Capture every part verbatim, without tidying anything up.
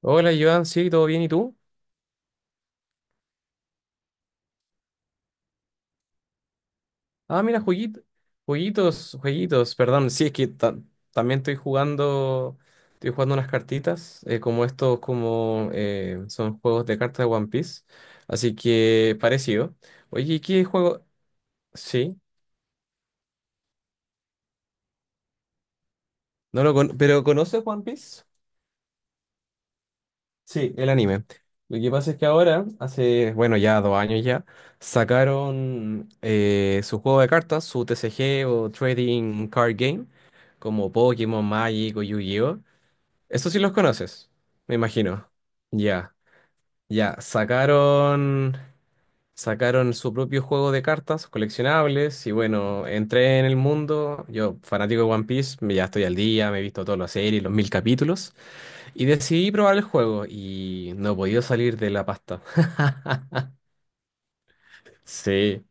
Hola, Joan, sí, ¿todo bien? ¿Y tú? Ah, mira, jueguitos, jueguitos, jueguitos, perdón. Sí, es que ta- también estoy jugando, estoy jugando unas cartitas, eh, como estos, como eh, son juegos de cartas de One Piece. Así que parecido. Oye, ¿y qué juego? Sí, no lo con- pero ¿conoces One Piece? Sí, el anime. Lo que pasa es que ahora, hace, bueno, ya dos años ya, sacaron eh, su juego de cartas, su T C G o Trading Card Game, como Pokémon, Magic o Yu-Gi-Oh. Eso sí los conoces, me imagino. Ya, ya. Sacaron, sacaron su propio juego de cartas coleccionables y bueno, entré en el mundo. Yo, fanático de One Piece, me ya estoy al día, me he visto todas las series, los mil capítulos. Y decidí probar el juego y no he podido salir de la pasta. Sí.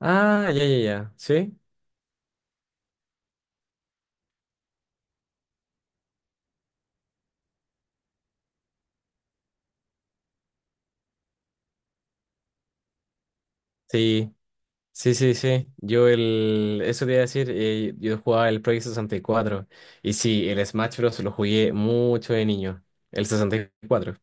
Ah, ya, ya, ya. ¿Sí? Sí. Sí, sí, sí. Yo el... Eso te iba a decir, eh, yo jugaba el Project sesenta y cuatro. Y cuatro. Y sí, el Smash Bros. Lo jugué mucho de niño. El sesenta y cuatro.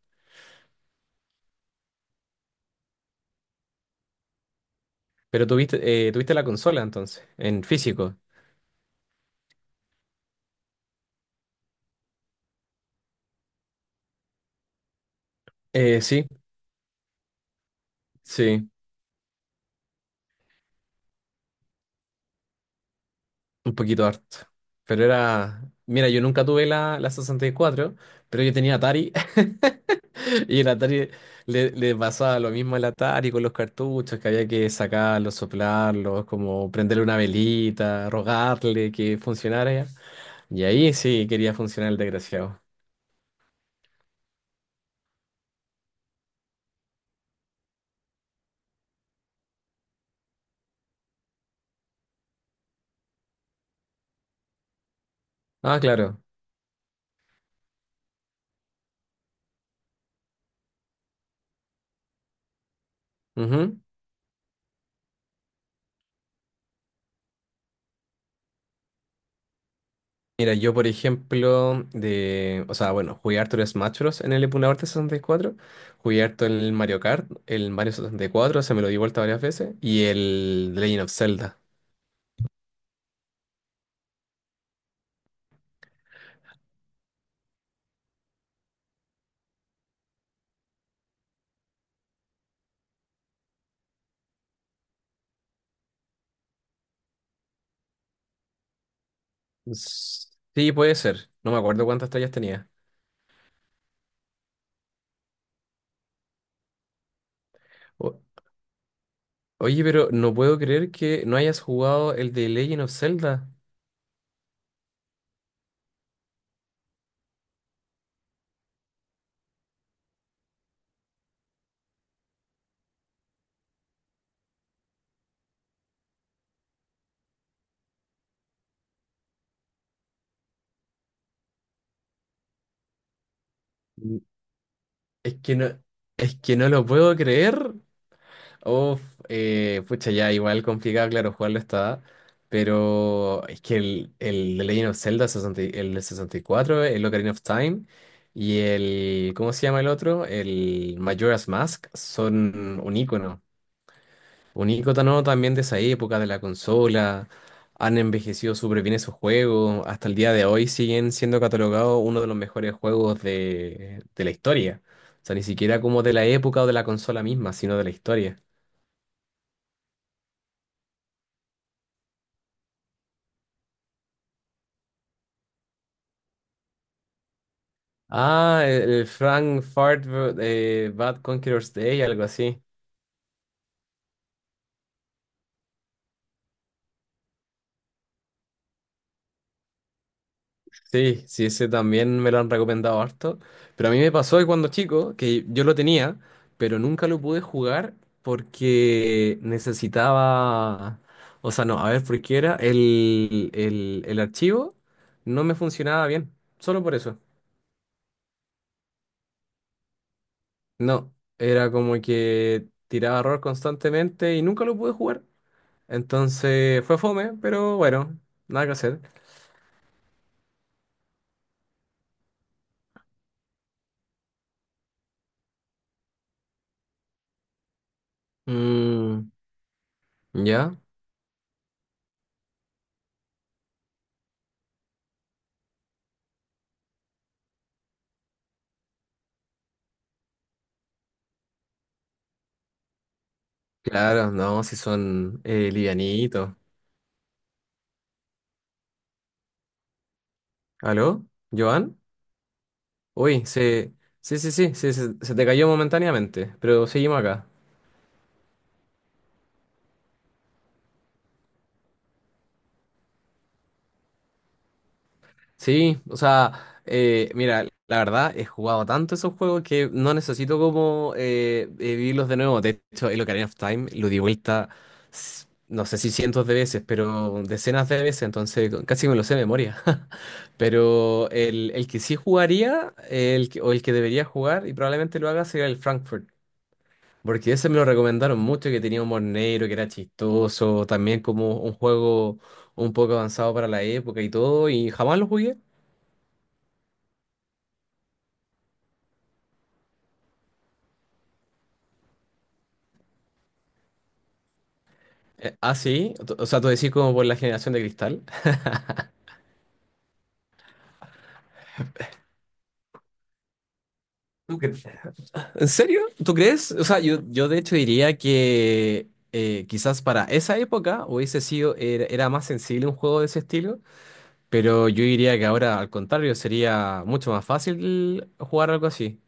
Pero tuviste, eh, tuviste la consola entonces, en físico. Eh, sí, sí, un poquito harto. Pero era... Mira, yo nunca tuve la, la sesenta y cuatro, pero yo tenía Atari. Y el Atari le, le pasaba lo mismo al Atari con los cartuchos, que había que sacarlos, soplarlos, como prenderle una velita, rogarle que funcionara. Y ahí sí quería funcionar el desgraciado. Ah, claro. Ujú. Mira, yo por ejemplo, de, o sea, bueno, jugué harto el Smash Bros. En el emulador de sesenta y cuatro, jugué harto el Mario Kart, el Mario sesenta y cuatro se me lo di vuelta varias veces, y el The Legend of Zelda. S- Sí, puede ser, no me acuerdo cuántas estrellas tenía. Oye, pero no puedo creer que no hayas jugado el de Legend of Zelda. Mm. Es que no, es que no lo puedo creer. Uf, eh, pucha, ya igual complicado, claro, jugarlo está. Pero es que el, el de Legend of Zelda, sesenta y- el de sesenta y cuatro, el Ocarina of Time y el, ¿cómo se llama el otro? El Majora's Mask son un ícono. Un icono también de esa época, de la consola. Han envejecido súper bien esos juegos. Hasta el día de hoy siguen siendo catalogados uno de los mejores juegos de, de la historia. O sea, ni siquiera como de la época o de la consola misma, sino de la historia. Ah, el, el Frank Fart eh, Bad Conqueror's Day, algo así. Sí, sí, ese también me lo han recomendado harto. Pero a mí me pasó que cuando chico, que yo lo tenía, pero nunca lo pude jugar porque necesitaba. O sea, no, a ver, por qué era. El, el, el archivo no me funcionaba bien. Solo por eso. No, era como que tiraba error constantemente y nunca lo pude jugar. Entonces fue fome, pero bueno, nada que hacer. Mm, ya, claro, no, si son eh, livianitos. ¿Aló? ¿Joan? Uy, se... sí, sí, sí, sí, se, se te cayó momentáneamente, pero seguimos acá. Sí, o sea, eh, mira, la verdad, he jugado tanto esos juegos que no necesito como eh, eh, vivirlos de nuevo. De hecho, el Ocarina of Time lo di vuelta, s- no sé si cientos de veces, pero decenas de veces, entonces casi me lo sé de memoria. Pero el, el que sí jugaría, el que- o el que debería jugar, y probablemente lo haga, sería el Frankfurt. Porque ese me lo recomendaron mucho, que tenía humor negro, que era chistoso, también como un juego un poco avanzado para la época y todo, y jamás lo jugué. Eh, ah, sí, Tú- o sea, tú decís como por la generación de cristal. ¿Tú cre- ¿En serio? ¿Tú crees? O sea, yo, yo de hecho diría que eh, quizás para esa época hubiese sido, era, era más sensible un juego de ese estilo, pero yo diría que ahora al contrario sería mucho más fácil jugar algo así.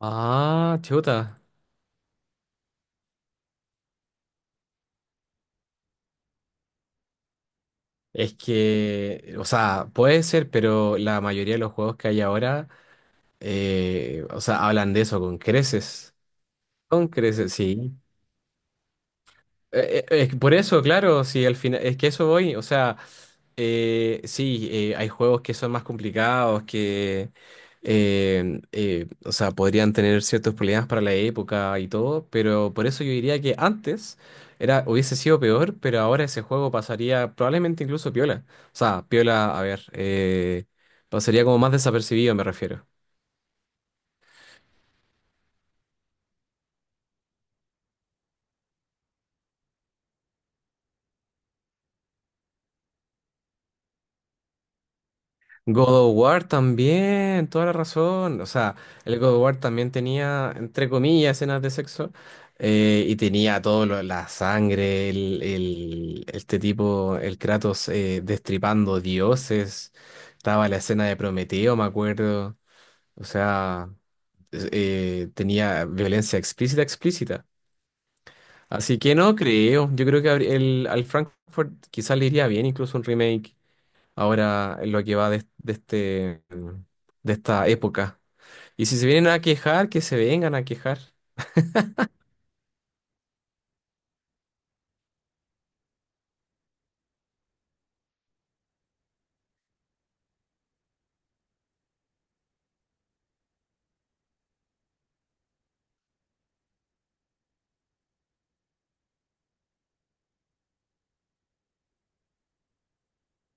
Ah, chuta. Es que, o sea, puede ser, pero la mayoría de los juegos que hay ahora, eh, o sea, hablan de eso con creces. Con creces, sí. Eh, eh, es que por eso, claro, sí, al final, es que eso voy, o sea, eh, sí, eh, hay juegos que son más complicados, que, eh, eh, o sea, podrían tener ciertos problemas para la época y todo, pero por eso yo diría que antes era, hubiese sido peor, pero ahora ese juego pasaría probablemente incluso piola. O sea, piola, a ver, eh, pasaría como más desapercibido, me refiero. God of War también, toda la razón. O sea, el God of War también tenía, entre comillas, escenas de sexo. Eh, y tenía todo lo- la sangre, el, el- este tipo, el Kratos eh, destripando dioses. Estaba la escena de Prometeo, me acuerdo. O sea, es- eh, tenía violencia explícita, explícita. Así que no creo. Yo creo que habría- el, al Frankfurt quizás le iría bien incluso un remake ahora en lo que va de, de este, de esta época. Y si se vienen a quejar, que se vengan a quejar.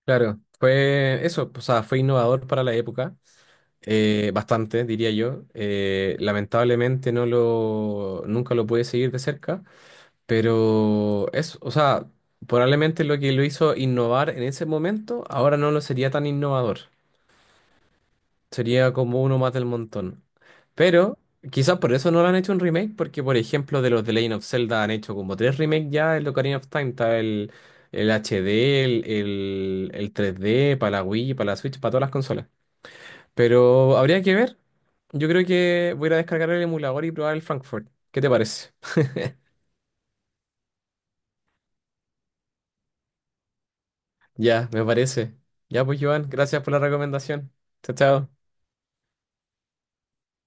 Claro, fue eso, o sea, fue innovador para la época, eh, bastante, diría yo. Eh, lamentablemente no lo, nunca lo pude seguir de cerca, pero es o sea, probablemente lo que lo hizo innovar en ese momento, ahora no lo sería tan innovador. Sería como uno más del montón. Pero quizás por eso no lo han hecho un remake, porque por ejemplo de los de Legend of Zelda han hecho como tres remakes ya, el Ocarina of Time, está el, el H D, el, el, el tres D, para la Wii, para la Switch, para todas las consolas. Pero habría que ver. Yo creo que voy a ir a descargar el emulador y probar el Frankfurt. ¿Qué te parece? Ya, me parece. Ya pues, Joan, gracias por la recomendación. Chao, chao.